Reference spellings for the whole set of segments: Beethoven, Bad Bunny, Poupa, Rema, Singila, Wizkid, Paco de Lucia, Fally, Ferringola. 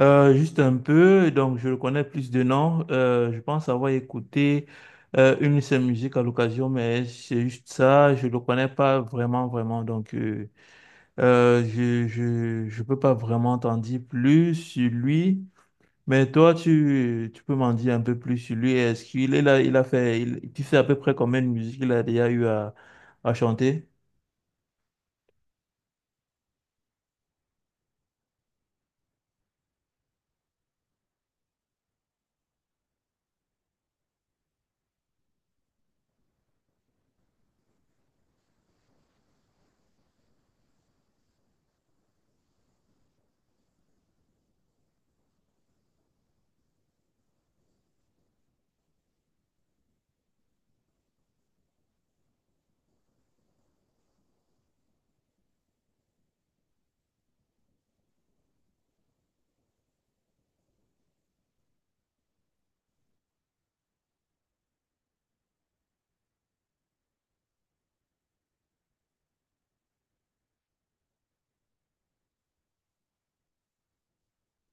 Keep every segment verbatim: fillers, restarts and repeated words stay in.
Euh, juste un peu, donc je le connais plus de nom. Euh, je pense avoir écouté euh, une de ses musiques à l'occasion, mais c'est juste ça, je le connais pas vraiment, vraiment. Donc euh, euh, je, je, je peux pas vraiment t'en dire plus sur lui. Mais toi, tu, tu peux m'en dire un peu plus sur lui. Est-ce qu'il est là, il a fait, il- tu sais à peu près combien de musiques il a déjà eu à, à chanter?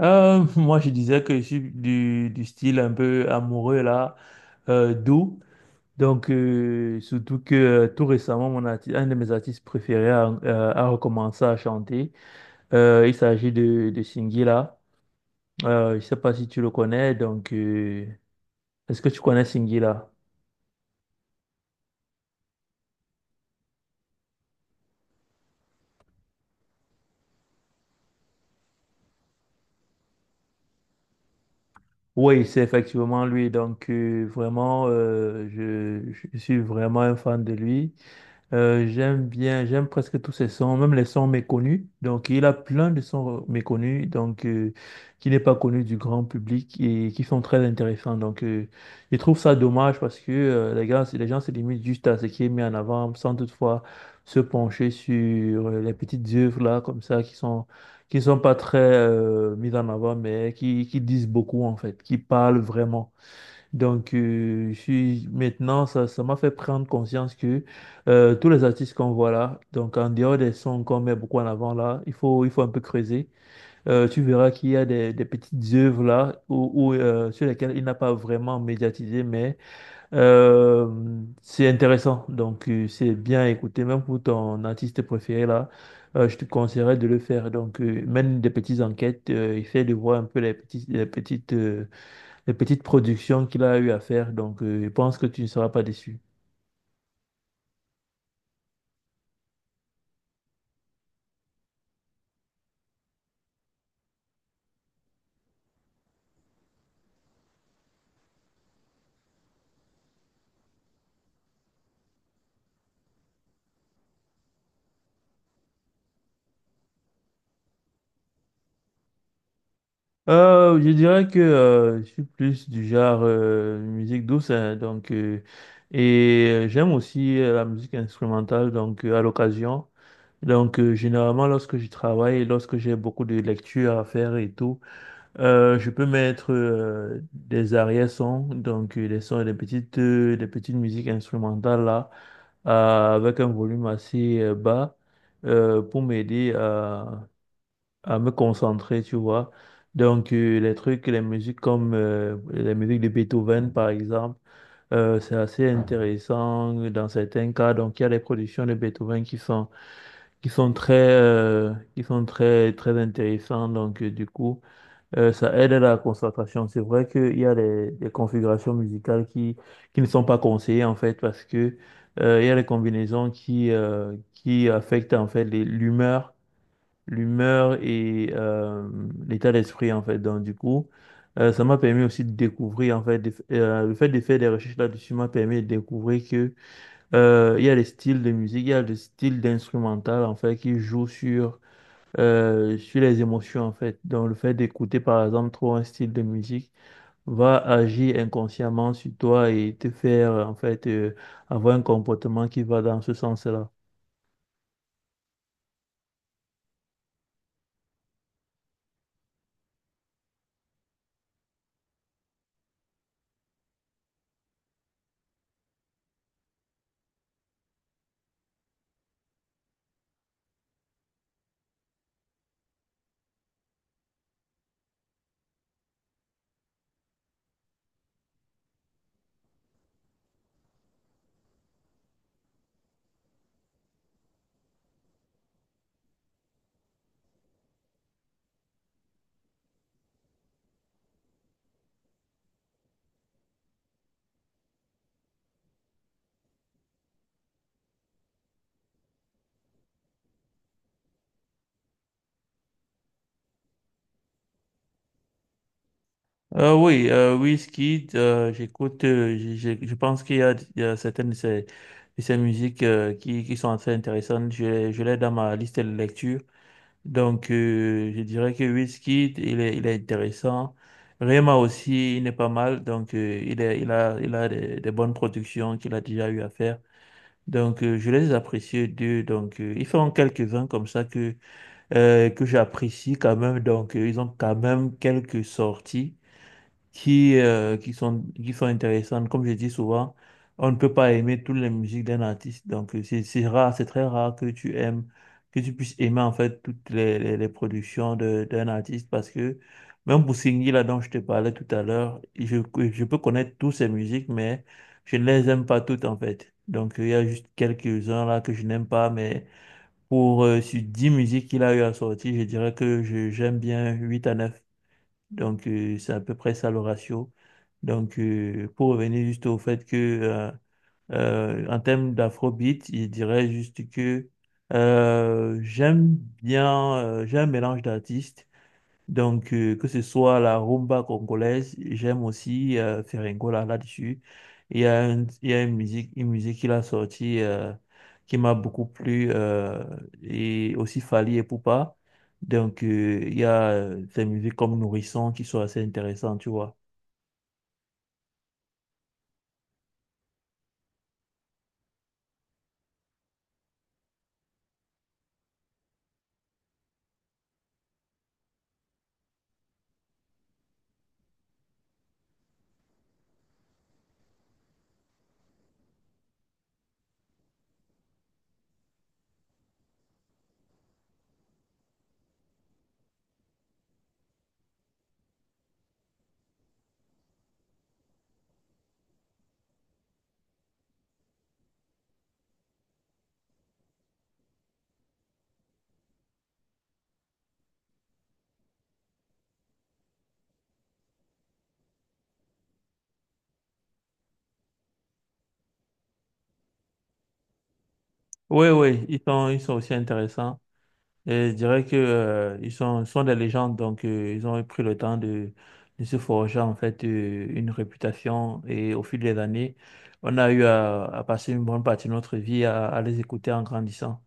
Euh, moi, je disais que je suis du, du style un peu amoureux, là, euh, doux. Donc, euh, surtout que euh, tout récemment, mon arti- un de mes artistes préférés a, euh, a recommencé à chanter. Euh, il s'agit de, de Singila. Euh, je ne sais pas si tu le connais. Donc, euh, est-ce que tu connais Singila? Oui, c'est effectivement lui. Donc, euh, vraiment, euh, je, je suis vraiment un fan de lui. Euh, j'aime bien, j'aime presque tous ses sons, même les sons méconnus. Donc, il a plein de sons méconnus, donc euh, qui n'est pas connu du grand public et qui sont très intéressants. Donc, euh, je trouve ça dommage parce que euh, les gars, les gens se limitent juste à ce qui est mis en avant, sans toutefois se pencher sur euh, les petites œuvres là, comme ça, qui sont qui sont pas très euh, mises en avant, mais qui qui disent beaucoup en fait, qui parlent vraiment. Donc, euh, je suis, maintenant, ça, ça m'a fait prendre conscience que euh, tous les artistes qu'on voit là, donc en dehors des sons qu'on met beaucoup en avant là, il faut, il faut un peu creuser. Euh, tu verras qu'il y a des, des petites œuvres là où, où, euh, sur lesquelles il n'a pas vraiment médiatisé, mais euh, c'est intéressant. Donc, euh, c'est bien à écouter, même pour ton artiste préféré là. Euh, je te conseillerais de le faire. Donc, euh, mène des petites enquêtes, euh, essaie de voir un peu les petits, les petites, euh, les petites productions qu'il a eu à faire. Donc, euh, je pense que tu ne seras pas déçu. Euh, je dirais que euh, je suis plus du genre euh, musique douce, hein, donc euh, et euh, j'aime aussi euh, la musique instrumentale, donc euh, à l'occasion. Donc euh, généralement lorsque je travaille, lorsque j'ai beaucoup de lectures à faire et tout, euh, je peux mettre euh, des arrière-sons, donc euh, des sons, des petites, euh, des petites musiques instrumentales là. Euh, avec un volume assez euh, bas euh, pour m'aider à, à me concentrer, tu vois. Donc, euh, les trucs, les musiques comme euh, les musiques de Beethoven, par exemple, euh, c'est assez intéressant dans certains cas. Donc, il y a les productions de Beethoven qui sont, qui sont très, euh, qui sont très, très intéressantes. Donc, euh, du coup, euh, ça aide à la concentration. C'est vrai qu'il y a des, des configurations musicales qui, qui ne sont pas conseillées en fait parce que euh, il y a des combinaisons qui, euh, qui affectent en fait les- l'humeur, l'humeur et euh, l'état d'esprit en fait. Donc du coup, euh, ça m'a permis aussi de découvrir en fait des- euh, le fait de faire des recherches là-dessus m'a permis de découvrir que euh, il y a des styles de musique, il y a des styles d'instrumental en fait qui jouent sur euh, sur les émotions en fait. Donc le fait d'écouter par exemple trop un style de musique va agir inconsciemment sur toi et te faire euh, en fait euh, avoir un comportement qui va dans ce sens-là. Euh, oui, euh, Wizkid, euh, j'écoute, euh, j'ai- j'ai- je pense qu'il y a, il y a certaines de ces, de ces musiques euh, qui, qui sont assez intéressantes. Je, je l'ai dans ma liste de lecture. Donc, euh, je dirais que Wizkid, il est, il est intéressant. Rema aussi, il n'est pas mal. Donc, euh, il est, il a, il a des, des bonnes productions qu'il a déjà eu à faire. Donc, euh, je les apprécie d'eux. Donc, euh, ils font quelques-uns comme ça que, euh, que j'apprécie quand même. Donc, euh, ils ont quand même quelques sorties qui, euh, qui sont, qui sont intéressantes. Comme je dis souvent, on ne peut pas aimer toutes les musiques d'un artiste. Donc, euh, c'est c'est rare, c'est très rare que tu aimes, que tu puisses aimer en fait toutes les, les, les productions de- d'un artiste parce que même pour Singhi, là dont je te parlais tout à l'heure, je, je peux connaître toutes ses musiques, mais je ne les aime pas toutes en fait. Donc, euh, il y a juste quelques-uns là que je n'aime pas, mais pour euh, sur dix musiques qu'il a eu à sortir, je dirais que je- j'aime bien huit à neuf donc, euh, c'est à peu près ça le ratio. Donc, euh, pour revenir juste au fait que, euh, euh, en termes d'afrobeat, je dirais juste que euh, j'aime bien, euh, j'ai un mélange d'artistes. Donc, euh, que ce soit la rumba congolaise, j'aime aussi euh, Ferringola là-dessus. Il y a, un- il y a une musique, une musique qu'il a sortie euh, qui m'a beaucoup plu, euh, et aussi Fally et Poupa. Donc, euh, il y a euh, des musiques comme Nourrisson qui sont assez intéressantes, tu vois. Oui, oui, ils sont, ils sont aussi intéressants. Et je dirais que, euh, ils sont, sont des légendes, donc euh, ils ont pris le temps de, de se forger en fait euh, une réputation. Et au fil des années, on a eu à, à passer une bonne partie de notre vie à, à les écouter en grandissant.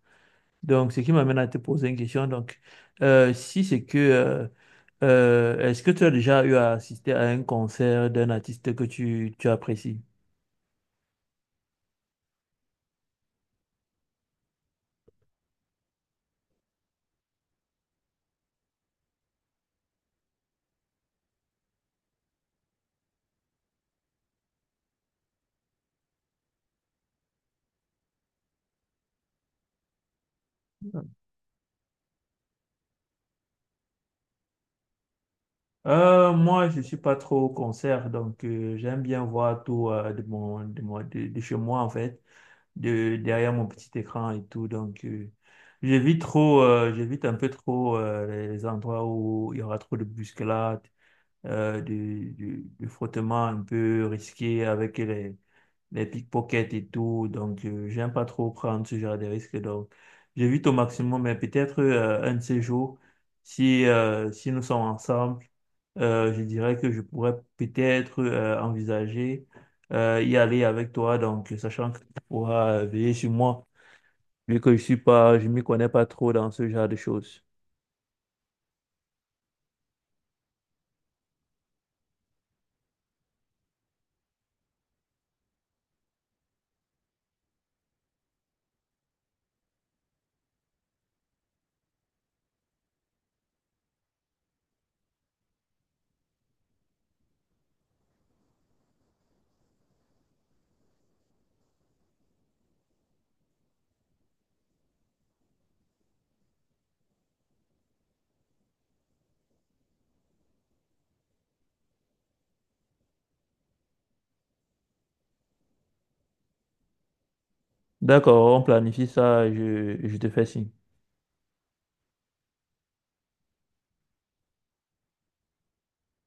Donc, ce qui m'amène à te poser une question. Donc, euh, si c'est que, euh, euh, est-ce que tu as déjà eu à assister à un concert d'un artiste que tu, tu apprécies? Euh, moi, je suis pas trop au concert, donc euh, j'aime bien voir tout euh, de, mon, de, mon- de- de chez moi, en fait. De, derrière mon petit écran et tout. Donc, euh, j'évite trop, euh, j'évite un peu trop euh, les endroits où il y aura trop de bousculades, euh, du, du- du frottement un peu risqué avec les, les pickpockets et tout. Donc, euh, j'aime pas trop prendre ce genre de risques. Donc, j'évite au maximum, mais peut-être euh, un de ces jours, si, euh, si nous sommes ensemble, euh, je dirais que je pourrais peut-être euh, envisager euh, y aller avec toi, donc sachant que tu pourras euh, veiller sur moi, vu que je suis pas, je m'y connais pas trop dans ce genre de choses. D'accord, on planifie ça, je, je te fais signe.